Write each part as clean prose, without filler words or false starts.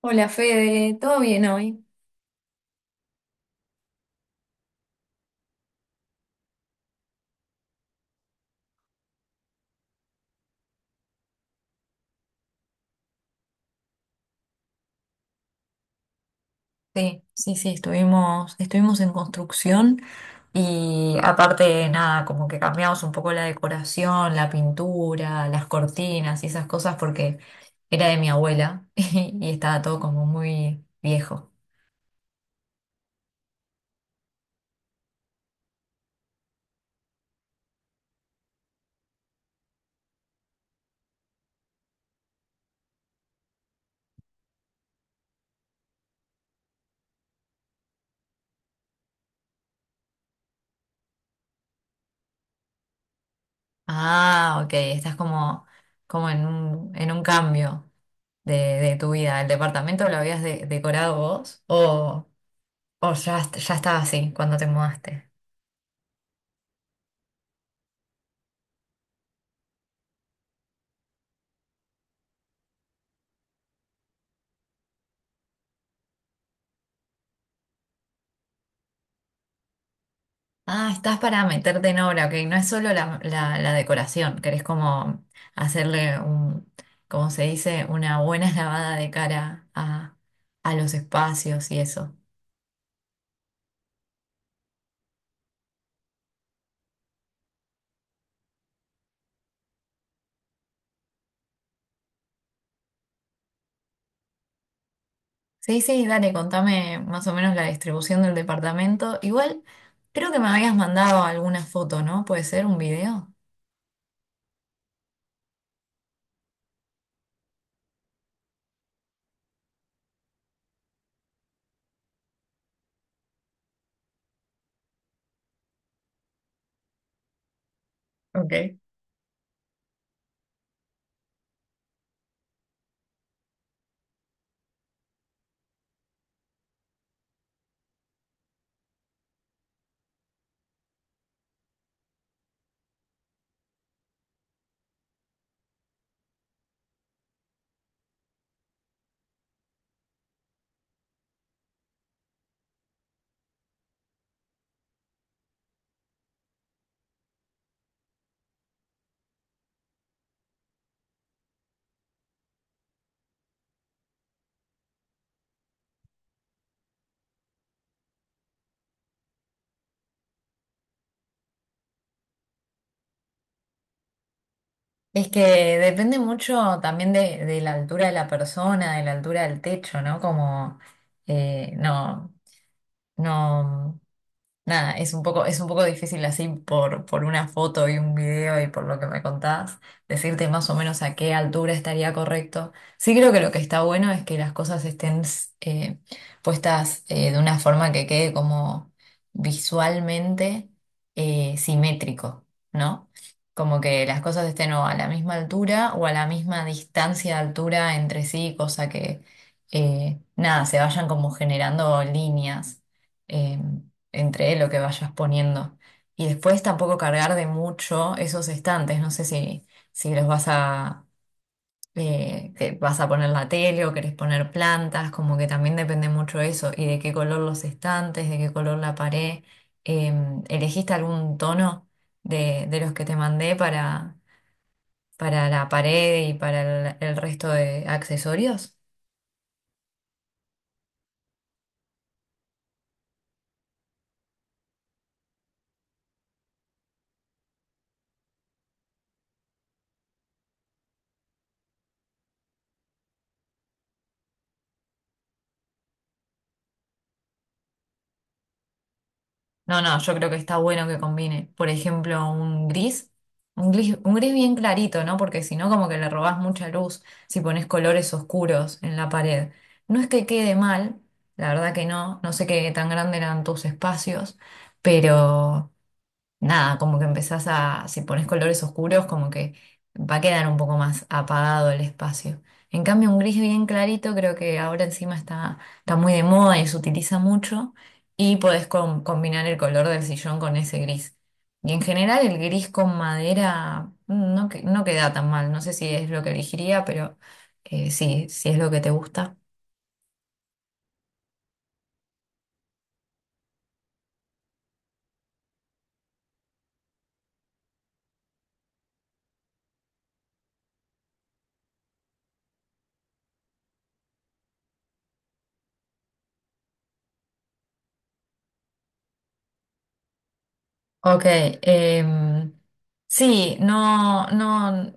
Hola Fede, ¿todo bien hoy? Sí, sí, sí, estuvimos en construcción y aparte, nada, como que cambiamos un poco la decoración, la pintura, las cortinas y esas cosas porque era de mi abuela y estaba todo como muy viejo. Ah, ok, estás como, como en un cambio de tu vida. ¿El departamento lo habías decorado vos o ya, ya estaba así cuando te mudaste? Ah, estás para meterte en obra, ok. No es solo la decoración, querés como hacerle un, como se dice, una buena lavada de cara a los espacios y eso. Sí, sí, dale, contame más o menos la distribución del departamento. Igual, creo que me habías mandado alguna foto, ¿no? ¿Puede ser un video? Ok. Es que depende mucho también de la altura de la persona, de la altura del techo, ¿no? Como, no, no. Nada, es un poco difícil así por una foto y un video y por lo que me contás, decirte más o menos a qué altura estaría correcto. Sí creo que lo que está bueno es que las cosas estén eh, puestas de una forma que quede como visualmente simétrico, ¿no? Como que las cosas estén o a la misma altura o a la misma distancia de altura entre sí, cosa que, nada, se vayan como generando líneas em, entre lo que vayas poniendo. Y después tampoco cargar de mucho esos estantes. No sé si, si los vas a, que vas a poner la tele o querés poner plantas, como que también depende mucho eso. Y de qué color los estantes, de qué color la pared. Em, ¿elegiste algún tono de los que te mandé para la pared y para el resto de accesorios? No, no, yo creo que está bueno que combine, por ejemplo, un gris, un gris, un gris bien clarito, ¿no? Porque si no, como que le robás mucha luz si pones colores oscuros en la pared. No es que quede mal, la verdad que no, no sé qué tan grande eran tus espacios, pero nada, como que empezás a, si pones colores oscuros, como que va a quedar un poco más apagado el espacio. En cambio, un gris bien clarito creo que ahora encima está, está muy de moda y se utiliza mucho y podés combinar el color del sillón con ese gris. Y en general el gris con madera no, no queda tan mal, no sé si es lo que elegiría, pero sí, si es lo que te gusta. Ok, em, sí, no, no.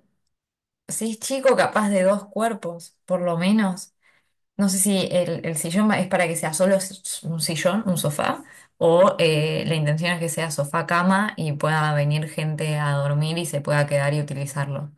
Si es chico, capaz de dos cuerpos, por lo menos. No sé si el, el sillón es para que sea solo un sillón, un sofá, o la intención es que sea sofá-cama y pueda venir gente a dormir y se pueda quedar y utilizarlo.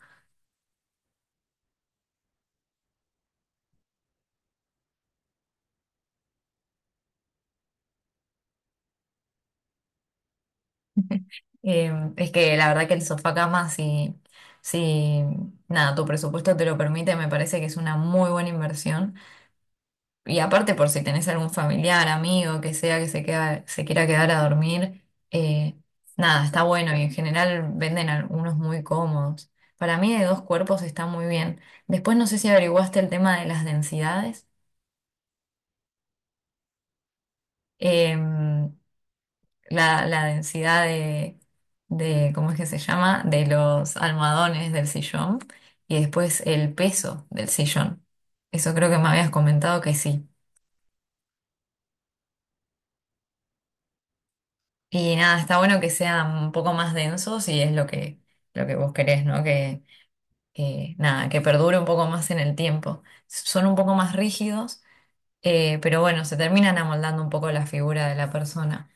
Eh, es que la verdad que el sofá-cama, si, si nada, tu presupuesto te lo permite, me parece que es una muy buena inversión. Y aparte por si tenés algún familiar, amigo, que sea que se queda, se quiera quedar a dormir, eh, nada, está bueno y en general venden algunos muy cómodos. Para mí de dos cuerpos está muy bien. Después no sé si averiguaste el tema de las densidades, em, la, la densidad de, ¿cómo es que se llama? De los almohadones del sillón y después el peso del sillón. Eso creo que me habías comentado que sí. Y nada, está bueno que sean un poco más densos y es lo que vos querés, ¿no? Que, nada, que perdure un poco más en el tiempo. Son un poco más rígidos, pero bueno, se terminan amoldando un poco la figura de la persona.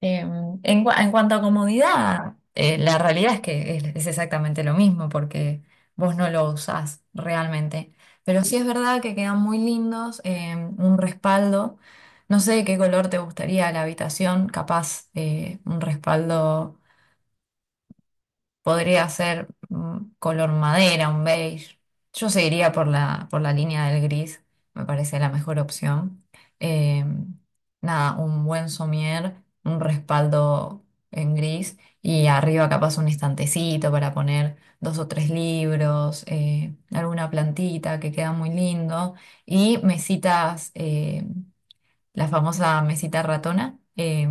Eh, en, en cuanto a comodidad, la realidad es que es exactamente lo mismo porque vos no lo usás realmente. Pero sí es verdad que quedan muy lindos, un respaldo. No sé de qué color te gustaría la habitación, capaz un respaldo. Podría ser color madera, un beige. Yo seguiría por la línea del gris, me parece la mejor opción. Eh, Nada, un buen somier, un respaldo en gris y arriba capaz un estantecito para poner dos o tres libros, alguna plantita que queda muy lindo y mesitas la famosa mesita ratona,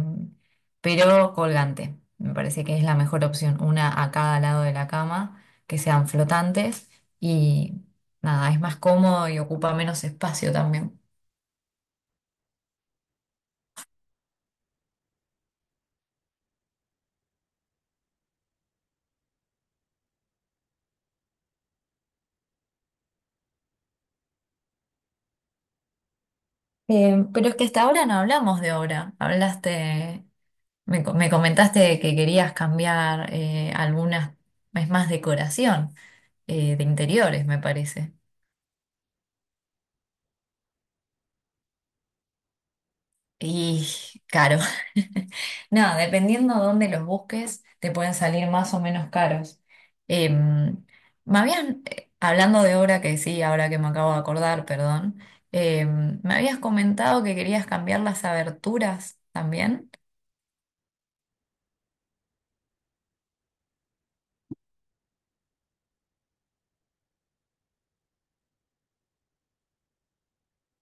pero colgante. Me parece que es la mejor opción, una a cada lado de la cama, que sean flotantes y nada, es más cómodo y ocupa menos espacio también. Pero es que hasta ahora no hablamos de obra, hablaste, me comentaste que querías cambiar algunas, es más decoración de interiores, me parece. Y caro. No, dependiendo dónde los busques, te pueden salir más o menos caros. Em, Me habían, hablando de obra que sí, ahora que me acabo de acordar, perdón, me habías comentado que querías cambiar las aberturas también.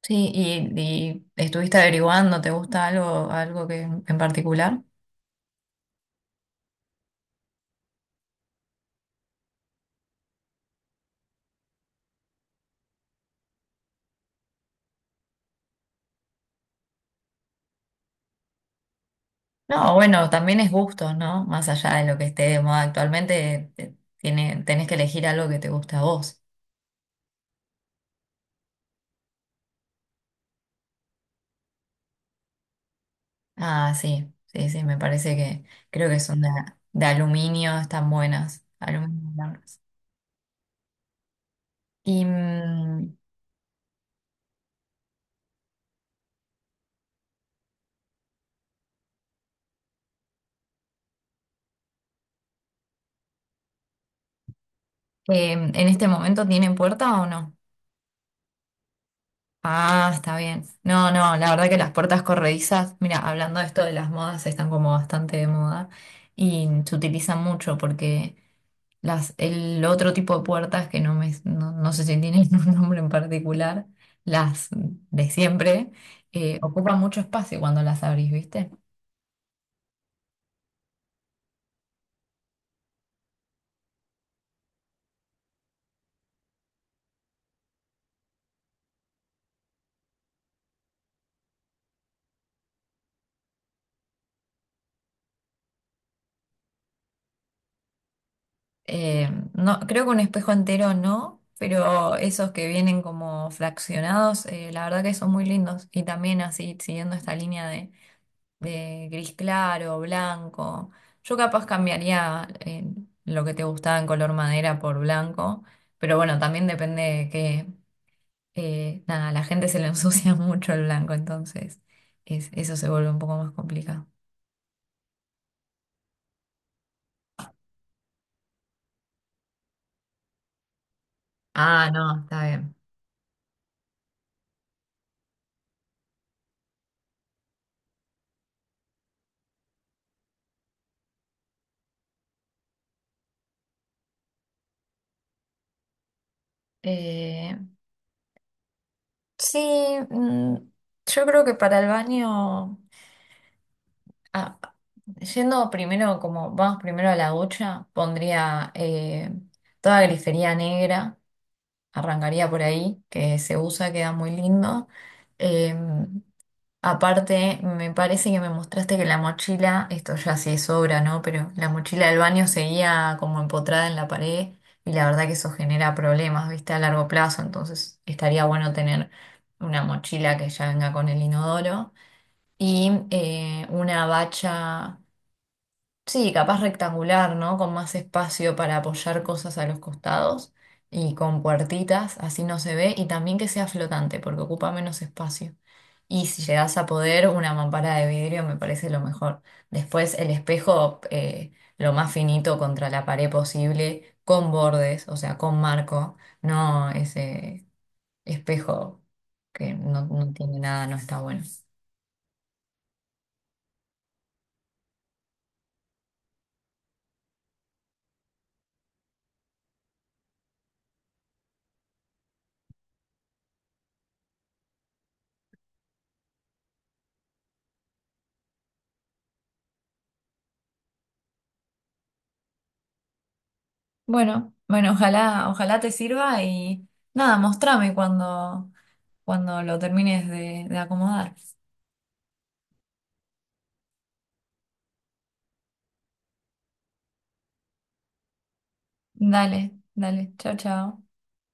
Sí, y estuviste averiguando, ¿te gusta algo, algo que en particular? No, bueno, también es gusto, ¿no? Más allá de lo que esté de moda actualmente, tiene, tenés que elegir algo que te gusta a vos. Ah, sí, sí, sí, me parece que creo que son de aluminio, están buenas, aluminio blancas. Y ¿en este momento tienen puerta o no? Ah, está bien. No, no, la verdad que las puertas corredizas, mira, hablando de esto de las modas, están como bastante de moda y se utilizan mucho porque las, el otro tipo de puertas que no me, no, no sé si tienen un nombre en particular, las de siempre, ocupan mucho espacio cuando las abrís, ¿viste? No, creo que un espejo entero no, pero esos que vienen como fraccionados, la verdad que son muy lindos. Y también así, siguiendo esta línea de gris claro, blanco. Yo capaz cambiaría lo que te gustaba en color madera por blanco, pero bueno, también depende de que, nada, a la gente se le ensucia mucho el blanco, entonces eso se vuelve un poco más complicado. Ah, no, está bien. Sí, mm, yo creo que para el baño, ah, yendo primero, como vamos primero a la ducha, pondría toda grifería negra, arrancaría por ahí, que se usa, queda muy lindo. Em, Aparte, me parece que me mostraste que la mochila, esto ya sí es obra, ¿no? Pero la mochila del baño seguía como empotrada en la pared y la verdad que eso genera problemas, ¿viste? A largo plazo, entonces estaría bueno tener una mochila que ya venga con el inodoro y una bacha. Sí, capaz rectangular, ¿no? Con más espacio para apoyar cosas a los costados y con puertitas, así no se ve, y también que sea flotante porque ocupa menos espacio. Y si llegas a poder, una mampara de vidrio me parece lo mejor. Después el espejo, lo más finito contra la pared posible, con bordes, o sea, con marco, no ese espejo que no, no tiene nada, no está bueno. Bueno, bueno, ojalá, ojalá te sirva y nada, mostrame cuando, cuando lo termines de acomodar. Dale, dale, chao, chao.